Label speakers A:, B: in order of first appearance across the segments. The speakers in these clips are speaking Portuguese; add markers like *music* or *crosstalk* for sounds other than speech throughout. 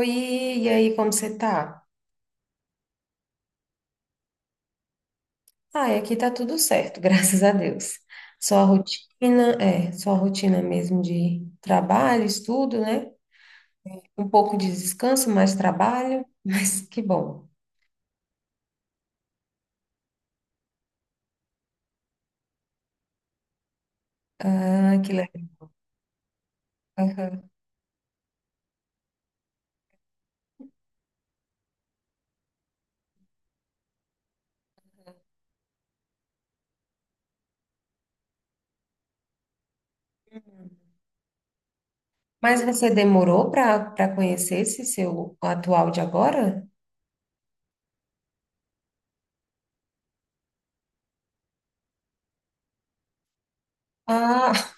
A: Oi, e aí, como você tá? Ah, aqui tá tudo certo, *laughs* graças a Deus. Só a rotina, é, só a rotina mesmo de trabalho, estudo, né? Um pouco de descanso, mais trabalho, *laughs* mas que bom. Ah, que legal. Aham. Mas você demorou para conhecer esse seu atual de agora? Ah,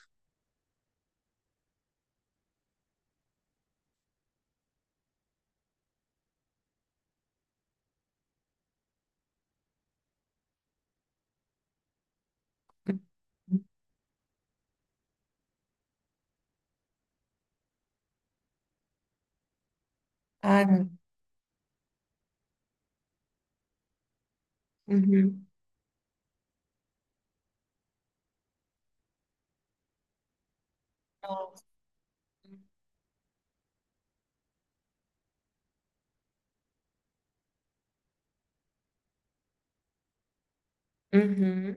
A: *laughs* ai, uhum. Nossa. Uhum.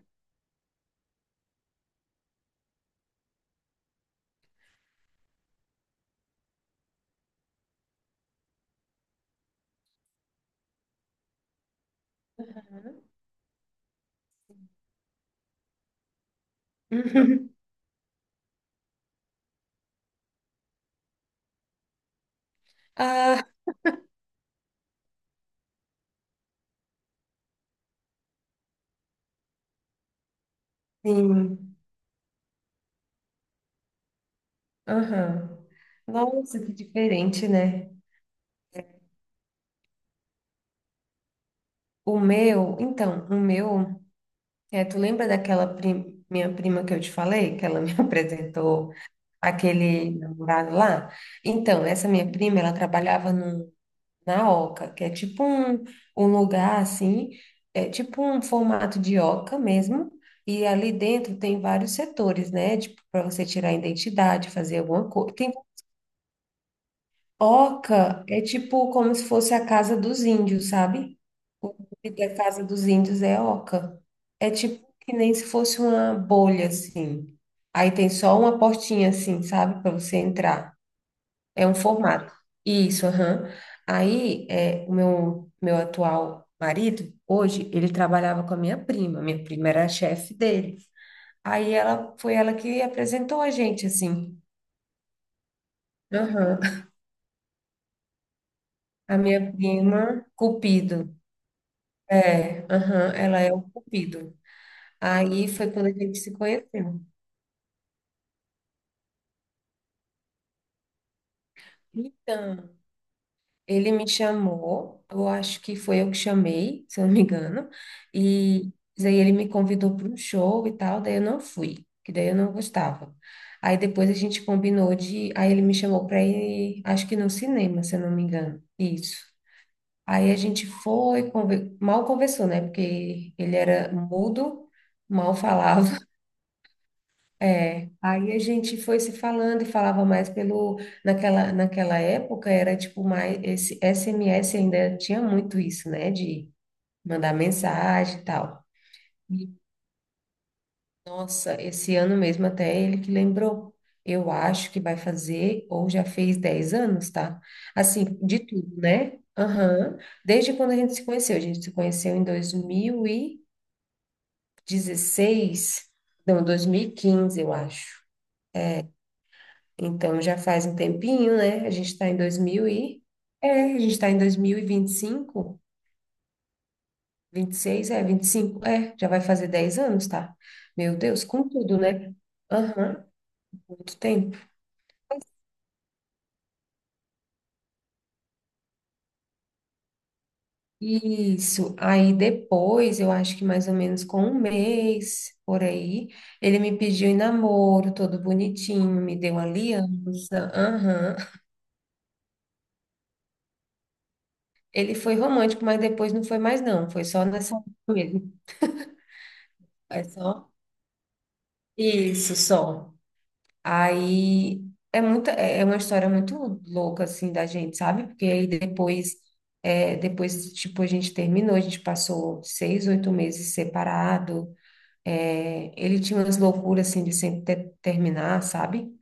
A: Uhum. *laughs* Ah, sim. Aham. Nossa, que diferente, né? Então, tu lembra daquela minha prima que eu te falei, que ela me *laughs* apresentou aquele namorado lá? Então, essa minha prima, ela trabalhava no, na Oca, que é tipo um lugar assim, é tipo um formato de Oca mesmo, e ali dentro tem vários setores, né? Tipo, para você tirar a identidade, fazer alguma coisa. Oca é tipo como se fosse a casa dos índios, sabe? O nome da casa dos índios é Oca. É tipo que nem se fosse uma bolha, assim. Aí tem só uma portinha, assim, sabe? Para você entrar. É um formato. Isso, aham. Aí, meu atual marido, hoje, ele trabalhava com a minha prima. Minha prima era a chefe dele. Aí foi ela que apresentou a gente, assim. Aham. A minha prima, Cupido. É, aham, ela é o cupido. Aí foi quando a gente se conheceu. Então, ele me chamou, eu acho que foi eu que chamei, se eu não me engano, e daí ele me convidou para um show e tal, daí eu não fui, que daí eu não gostava. Aí depois a gente combinou de, aí ele me chamou para ir, acho que no cinema, se eu não me engano. Isso. Aí a gente foi, mal conversou, né? Porque ele era mudo, mal falava. É, aí a gente foi se falando e falava mais naquela época era tipo mais, esse SMS ainda tinha muito isso, né, de mandar mensagem e tal. E, Nossa, esse ano mesmo até ele que lembrou, eu acho que vai fazer, ou já fez 10 anos, tá? Assim, de tudo, né? Aham, desde quando a gente se conheceu em 2016, não, 2015 eu acho. Então já faz um tempinho, né? A gente está em dois mil e vinte vinte cinco vinte e seis é vinte e cinco, é, já vai fazer 10 anos, tá? Meu Deus, com tudo, né? Aham, muito tempo. Isso. Aí depois, eu acho que mais ou menos com um mês por aí, ele me pediu em namoro, todo bonitinho, me deu aliança. Aham. Ele foi romântico, mas depois não foi mais, não. Foi só nessa época mesmo. É só. Isso, só. Aí é muita, é uma história muito louca assim da gente, sabe? Porque aí depois, depois tipo a gente terminou, a gente passou 6, 8 meses separado. É, ele tinha umas loucuras assim de sempre terminar, sabe?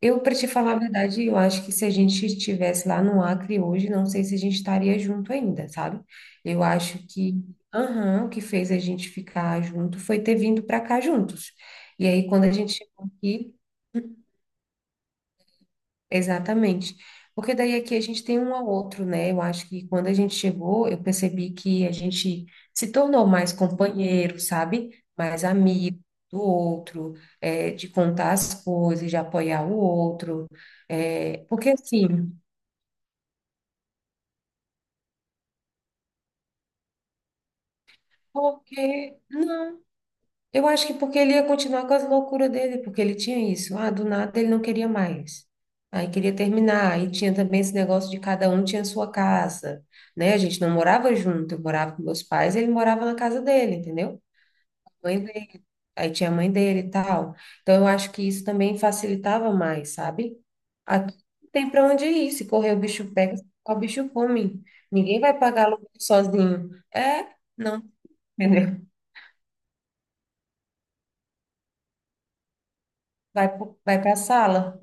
A: Eu, para te falar a verdade, eu acho que se a gente estivesse lá no Acre hoje, não sei se a gente estaria junto ainda, sabe? Eu acho que, aham, o que fez a gente ficar junto foi ter vindo para cá juntos. E aí, quando a gente chegou aqui exatamente. Porque daí aqui a gente tem um ao outro, né? Eu acho que quando a gente chegou, eu percebi que a gente se tornou mais companheiro, sabe? Mais amigo do outro, é, de contar as coisas, de apoiar o outro. É, porque assim, porque não. Eu acho que porque ele ia continuar com as loucuras dele, porque ele tinha isso. Ah, do nada ele não queria mais. Aí queria terminar. Aí tinha também esse negócio de cada um tinha sua casa, né? A gente não morava junto, eu morava com meus pais, ele morava na casa dele, entendeu? Mãe dele. Aí tinha a mãe dele e tal. Então eu acho que isso também facilitava mais, sabe? Aqui não tem para onde ir. Se correr o bicho pega, se ficar, o bicho come. Ninguém vai pagar aluguel sozinho. É, não, entendeu? Vai, vai para a sala.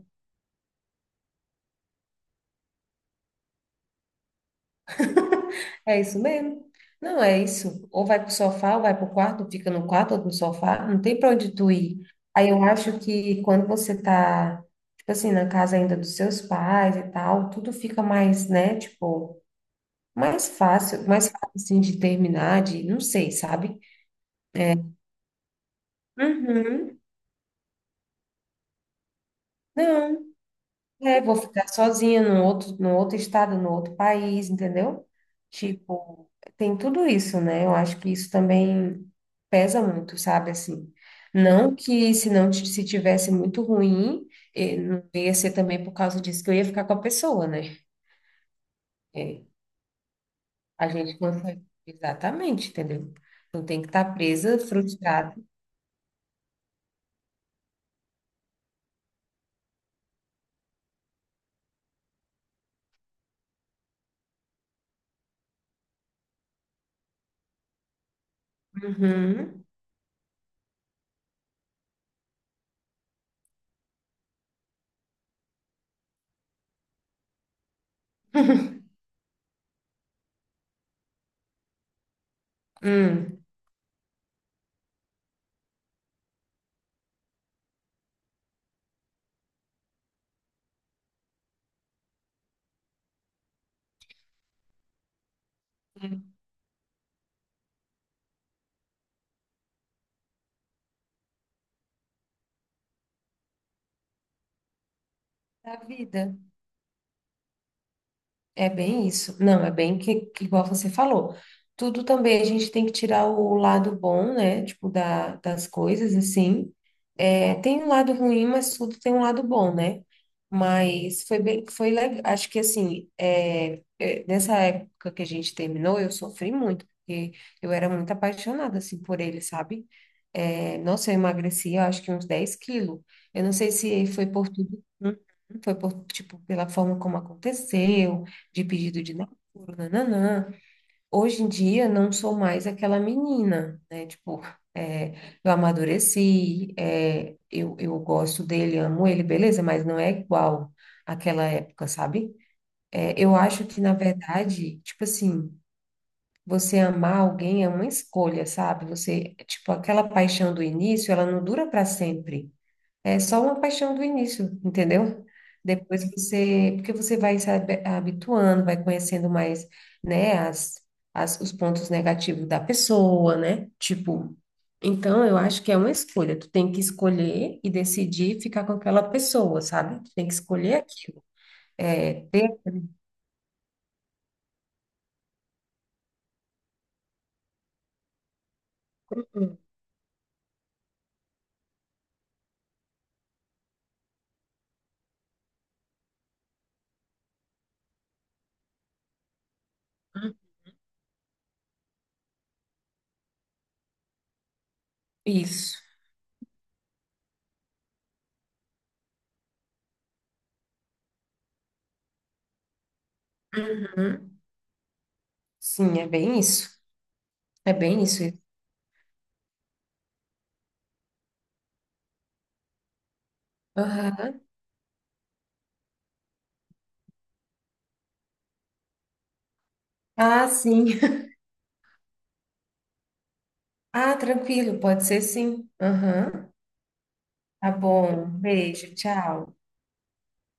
A: É isso mesmo. Não, é isso. Ou vai pro sofá, ou vai pro quarto, fica no quarto ou no sofá, não tem pra onde tu ir. Aí eu acho que quando você tá, tipo assim, na casa ainda dos seus pais e tal, tudo fica mais, né, tipo, mais fácil assim de terminar, de, não sei, sabe? Uhum. Não. É, vou ficar sozinha num outro estado, num outro país, entendeu? Tipo, tem tudo isso, né? Eu acho que isso também pesa muito, sabe? Assim, não que se não se tivesse muito ruim, não ia ser também por causa disso que eu ia ficar com a pessoa, né? É, a gente consegue. Exatamente, entendeu? Não tem que estar presa, frustrada. Uhum. Hum. Da vida. É bem isso. Não, é bem que igual você falou. Tudo também a gente tem que tirar o lado bom, né? Tipo, da, das coisas, assim. É, tem um lado ruim, mas tudo tem um lado bom, né? Mas foi bem, foi legal. Acho que assim, nessa época que a gente terminou, eu sofri muito, porque eu era muito apaixonada assim por ele, sabe? É, nossa, eu emagreci, eu acho que uns 10 quilos. Eu não sei se foi por tudo, foi por, tipo, pela forma como aconteceu, de pedido de namoro, nananã. Hoje em dia não sou mais aquela menina, né? Tipo, é, eu amadureci, eu gosto dele, amo ele, beleza, mas não é igual àquela época, sabe? É, eu acho que, na verdade, tipo assim, você amar alguém é uma escolha, sabe? Você, tipo, aquela paixão do início, ela não dura para sempre. É só uma paixão do início, entendeu? Depois você, porque você vai se habituando, vai conhecendo mais, né, as, os pontos negativos da pessoa, né? Tipo, então eu acho que é uma escolha. Tu tem que escolher e decidir ficar com aquela pessoa, sabe? Tu tem que escolher aquilo. É, ter isso. Uhum. Sim, é bem isso. É bem isso. Aham. Ah, sim. *laughs* Ah, tranquilo, pode ser sim. Aham. Tá bom, beijo, tchau.